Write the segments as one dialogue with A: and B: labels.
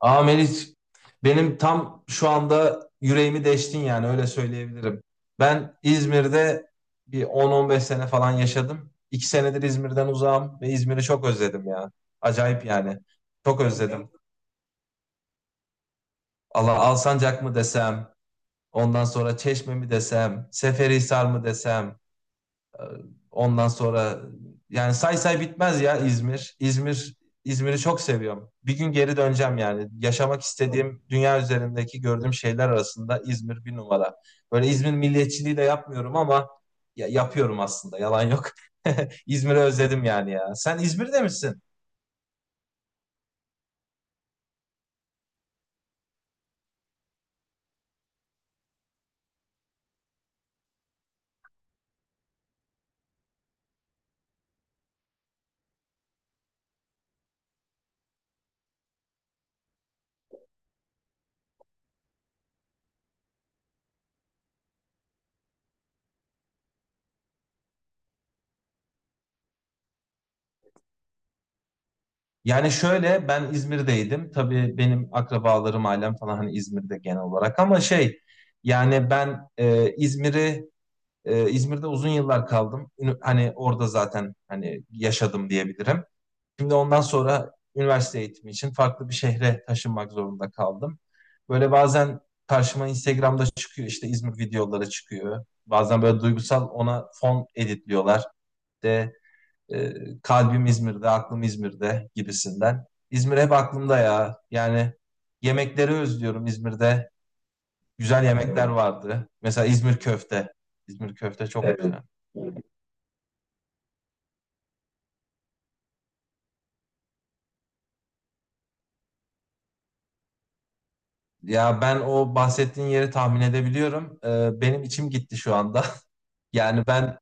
A: Aa Melis, benim tam şu anda yüreğimi deştin yani öyle söyleyebilirim. Ben İzmir'de bir 10-15 sene falan yaşadım. 2 senedir İzmir'den uzağım ve İzmir'i çok özledim ya. Acayip yani. Çok özledim. Allah Alsancak mı desem, ondan sonra Çeşme mi desem, Seferihisar mı desem. Ondan sonra yani say say bitmez ya İzmir. İzmir'i çok seviyorum. Bir gün geri döneceğim yani. Yaşamak istediğim dünya üzerindeki gördüğüm şeyler arasında İzmir bir numara. Böyle İzmir milliyetçiliği de yapmıyorum ama yapıyorum aslında. Yalan yok. İzmir'i özledim yani ya. Sen İzmir'de misin? Yani şöyle ben İzmir'deydim. Tabii benim akrabalarım, ailem falan hani İzmir'de genel olarak ama şey yani ben İzmir'i, İzmir'de uzun yıllar kaldım. Hani orada zaten hani yaşadım diyebilirim. Şimdi ondan sonra üniversite eğitimi için farklı bir şehre taşınmak zorunda kaldım. Böyle bazen karşıma Instagram'da çıkıyor, işte İzmir videoları çıkıyor. Bazen böyle duygusal ona fon editliyorlar. De e, kalbim İzmir'de, aklım İzmir'de gibisinden. İzmir hep aklımda ya. Yani yemekleri özlüyorum İzmir'de. Güzel yemekler, evet, vardı. Mesela İzmir köfte. İzmir köfte çok, evet, güzel. Ya ben o bahsettiğin yeri tahmin edebiliyorum. Benim içim gitti şu anda. Yani ben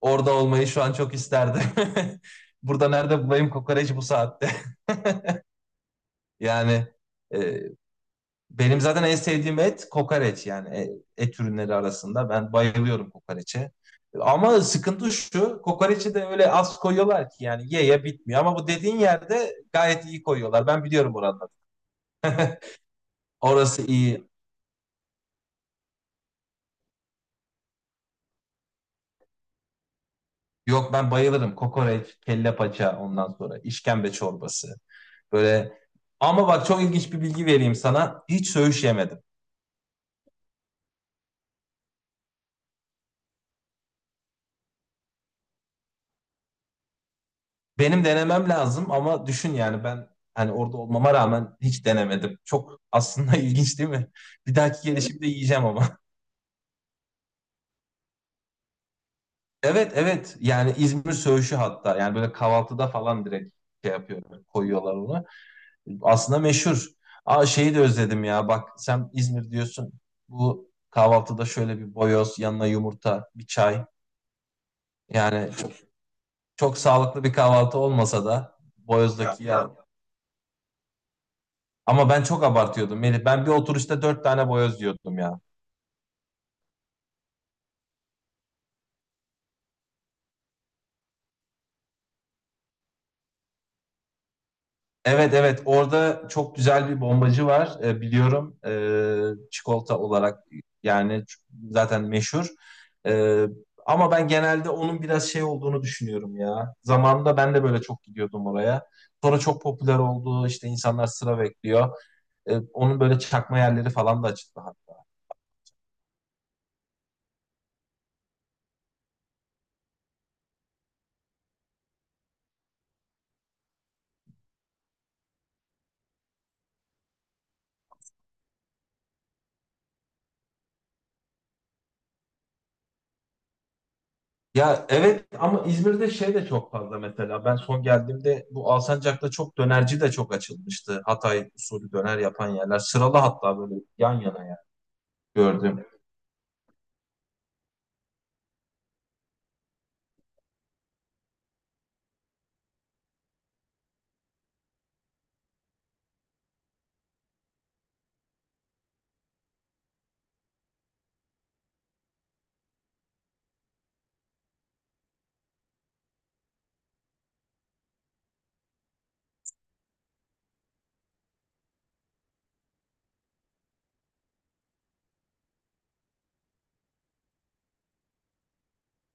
A: orada olmayı şu an çok isterdim. Burada nerede bulayım kokoreç bu saatte? Yani e, benim zaten en sevdiğim et kokoreç yani et ürünleri arasında. Ben bayılıyorum kokoreçe. Ama sıkıntı şu, kokoreçi de öyle az koyuyorlar ki yani ye ye bitmiyor. Ama bu dediğin yerde gayet iyi koyuyorlar. Ben biliyorum oranları. Orası iyi. Yok ben bayılırım. Kokoreç, kelle paça, ondan sonra işkembe çorbası. Böyle, ama bak çok ilginç bir bilgi vereyim sana. Hiç söğüş yemedim. Benim denemem lazım ama düşün yani ben hani orada olmama rağmen hiç denemedim. Çok aslında ilginç değil mi? Bir dahaki, evet, gelişimde yiyeceğim ama. Evet, evet, yani İzmir söğüşü, hatta yani böyle kahvaltıda falan direkt şey yapıyorlar, koyuyorlar onu. Aslında meşhur. Aa, şeyi de özledim ya. Bak, sen İzmir diyorsun. Bu kahvaltıda şöyle bir boyoz, yanına yumurta, bir çay. Yani çok sağlıklı bir kahvaltı olmasa da boyozdaki ya. Ama ben çok abartıyordum Melih. Ben bir oturuşta dört tane boyoz yiyordum ya. Evet, evet, orada çok güzel bir bombacı var, biliyorum, çikolata olarak yani zaten meşhur. E, ama ben genelde onun biraz şey olduğunu düşünüyorum ya, zamanında ben de böyle çok gidiyordum oraya, sonra çok popüler oldu, işte insanlar sıra bekliyor. Onun böyle çakma yerleri falan da açıldı hatta. Ya evet, ama İzmir'de şey de çok fazla, mesela ben son geldiğimde bu Alsancak'ta çok dönerci de çok açılmıştı, Hatay usulü döner yapan yerler sıralı, hatta böyle yan yana yani. Gördüm.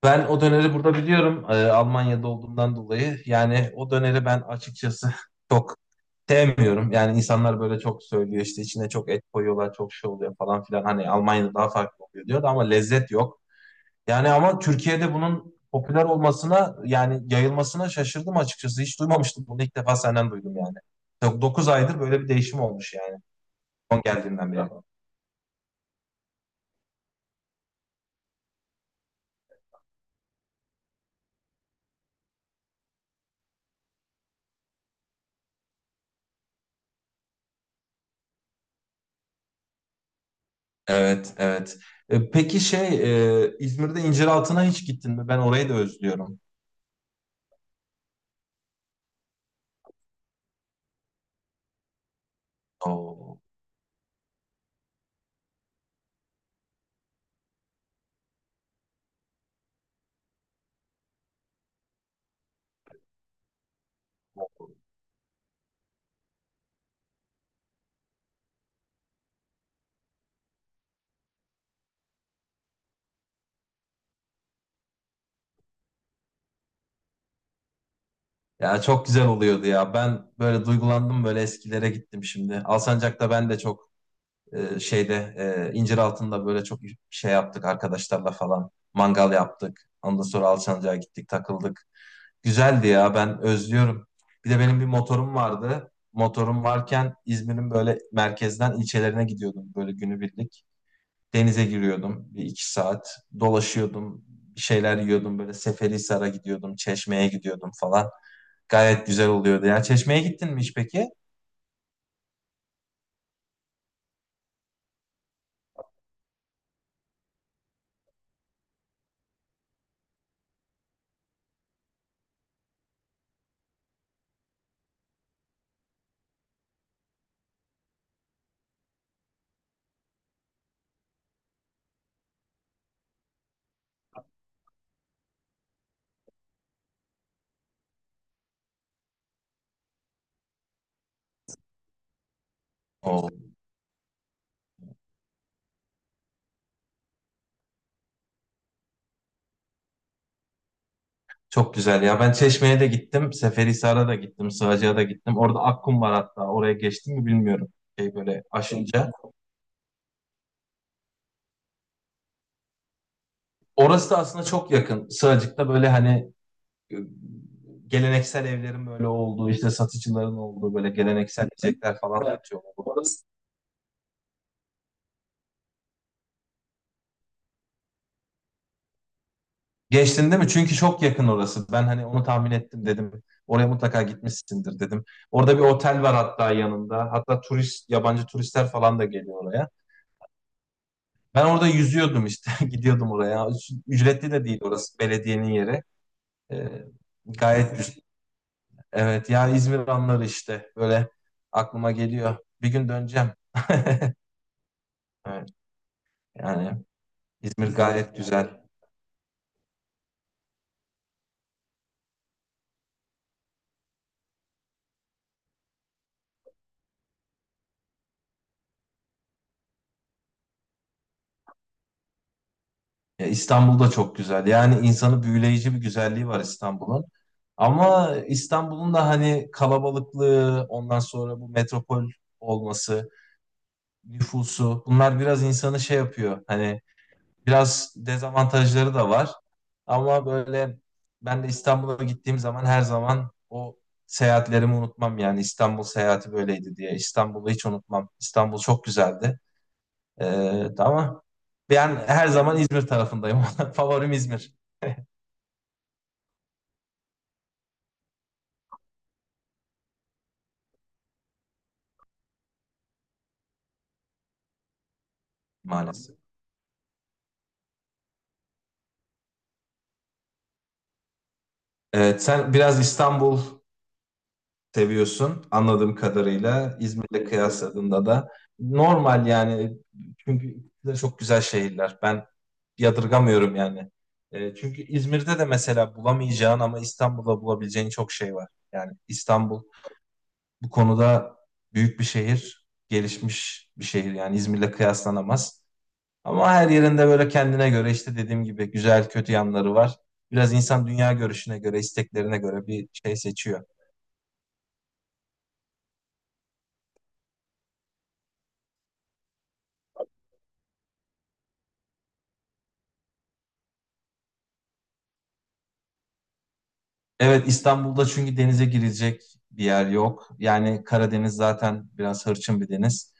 A: Ben o döneri burada biliyorum, Almanya'da olduğumdan dolayı. Yani o döneri ben açıkçası çok sevmiyorum. Yani insanlar böyle çok söylüyor, işte içine çok et koyuyorlar, çok şey oluyor falan filan. Hani Almanya'da daha farklı oluyor diyor da, ama lezzet yok. Yani ama Türkiye'de bunun popüler olmasına, yani yayılmasına şaşırdım açıkçası. Hiç duymamıştım, bunu ilk defa senden duydum yani. 9 aydır böyle bir değişim olmuş yani, son geldiğinden beri. Evet, evet. Peki şey, İzmir'de İnciraltı'na hiç gittin mi? Ben orayı da özlüyorum. Oo. Ya çok güzel oluyordu ya. Ben böyle duygulandım, böyle eskilere gittim şimdi. Alsancak'ta ben de çok, şeyde, İnciraltı'nda böyle çok şey yaptık arkadaşlarla falan. Mangal yaptık. Ondan sonra Alsancak'a gittik, takıldık. Güzeldi ya, ben özlüyorum. Bir de benim bir motorum vardı. Motorum varken İzmir'in böyle merkezden ilçelerine gidiyordum böyle günübirlik. Denize giriyordum bir iki saat. Dolaşıyordum. Bir şeyler yiyordum. Böyle Seferihisar'a gidiyordum, Çeşme'ye gidiyordum falan. Gayet güzel oluyordu. Ya, Çeşme'ye gittin mi hiç peki? Oo, çok güzel ya. Ben Çeşme'ye de gittim, Seferihisar'a da gittim, Sığacak'a da gittim. Orada Akkum var hatta. Oraya geçtim mi bilmiyorum. Şey böyle aşınca. Orası da aslında çok yakın. Sığacık'ta böyle hani geleneksel evlerin böyle olduğu, işte satıcıların olduğu, böyle geleneksel yiyecekler falan satıyorlar. Geçtin değil mi? Çünkü çok yakın orası. Ben hani onu tahmin ettim, dedim. Oraya mutlaka gitmişsindir dedim. Orada bir otel var hatta yanında. Hatta turist, yabancı turistler falan da geliyor oraya. Ben orada yüzüyordum işte. Gidiyordum oraya. Ücretli de değil orası. Belediyenin yeri. Ee, gayet güzel. Evet ya, İzmir anları işte. Böyle aklıma geliyor. Bir gün döneceğim. Evet, yani İzmir gayet güzel. Ya, İstanbul da çok güzel. Yani insanı büyüleyici bir güzelliği var İstanbul'un. Ama İstanbul'un da hani kalabalıklığı, ondan sonra bu metropol olması, nüfusu, bunlar biraz insanı şey yapıyor. Hani biraz dezavantajları da var. Ama böyle ben de İstanbul'a gittiğim zaman her zaman o seyahatlerimi unutmam, yani İstanbul seyahati böyleydi diye. İstanbul'u hiç unutmam. İstanbul çok güzeldi. Ama ben her zaman İzmir tarafındayım. Favorim İzmir maalesef. Evet, sen biraz İstanbul seviyorsun anladığım kadarıyla. İzmir'le kıyasladığında da normal yani. Çünkü ikisi de çok güzel şehirler. Ben yadırgamıyorum yani. Çünkü İzmir'de de mesela bulamayacağın ama İstanbul'da bulabileceğin çok şey var. Yani İstanbul bu konuda büyük bir şehir, gelişmiş bir şehir. Yani İzmir'le kıyaslanamaz. Ama her yerinde böyle kendine göre, işte dediğim gibi güzel kötü yanları var. Biraz insan dünya görüşüne göre, isteklerine göre bir şey seçiyor. Evet, İstanbul'da çünkü denize girecek bir yer yok. Yani Karadeniz zaten biraz hırçın bir deniz.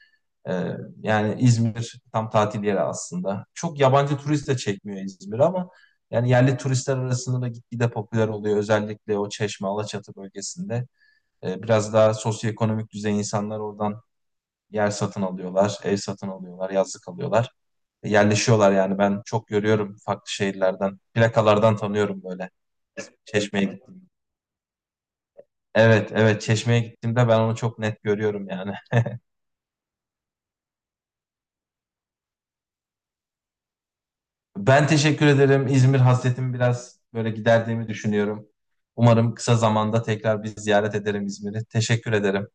A: Ee, yani İzmir tam tatil yeri aslında. Çok yabancı turist de çekmiyor İzmir, ama yani yerli turistler arasında da gitgide popüler oluyor. Özellikle o Çeşme, Alaçatı bölgesinde. Biraz daha sosyoekonomik düzey insanlar oradan yer satın alıyorlar, ev satın alıyorlar, yazlık alıyorlar. Yerleşiyorlar yani, ben çok görüyorum farklı şehirlerden. Plakalardan tanıyorum böyle. Çeşme'ye gittiğimde. Evet, evet, Çeşme'ye gittiğimde ben onu çok net görüyorum yani. Ben teşekkür ederim. İzmir hasretimi biraz böyle giderdiğimi düşünüyorum. Umarım kısa zamanda tekrar bir ziyaret ederim İzmir'i. Teşekkür ederim.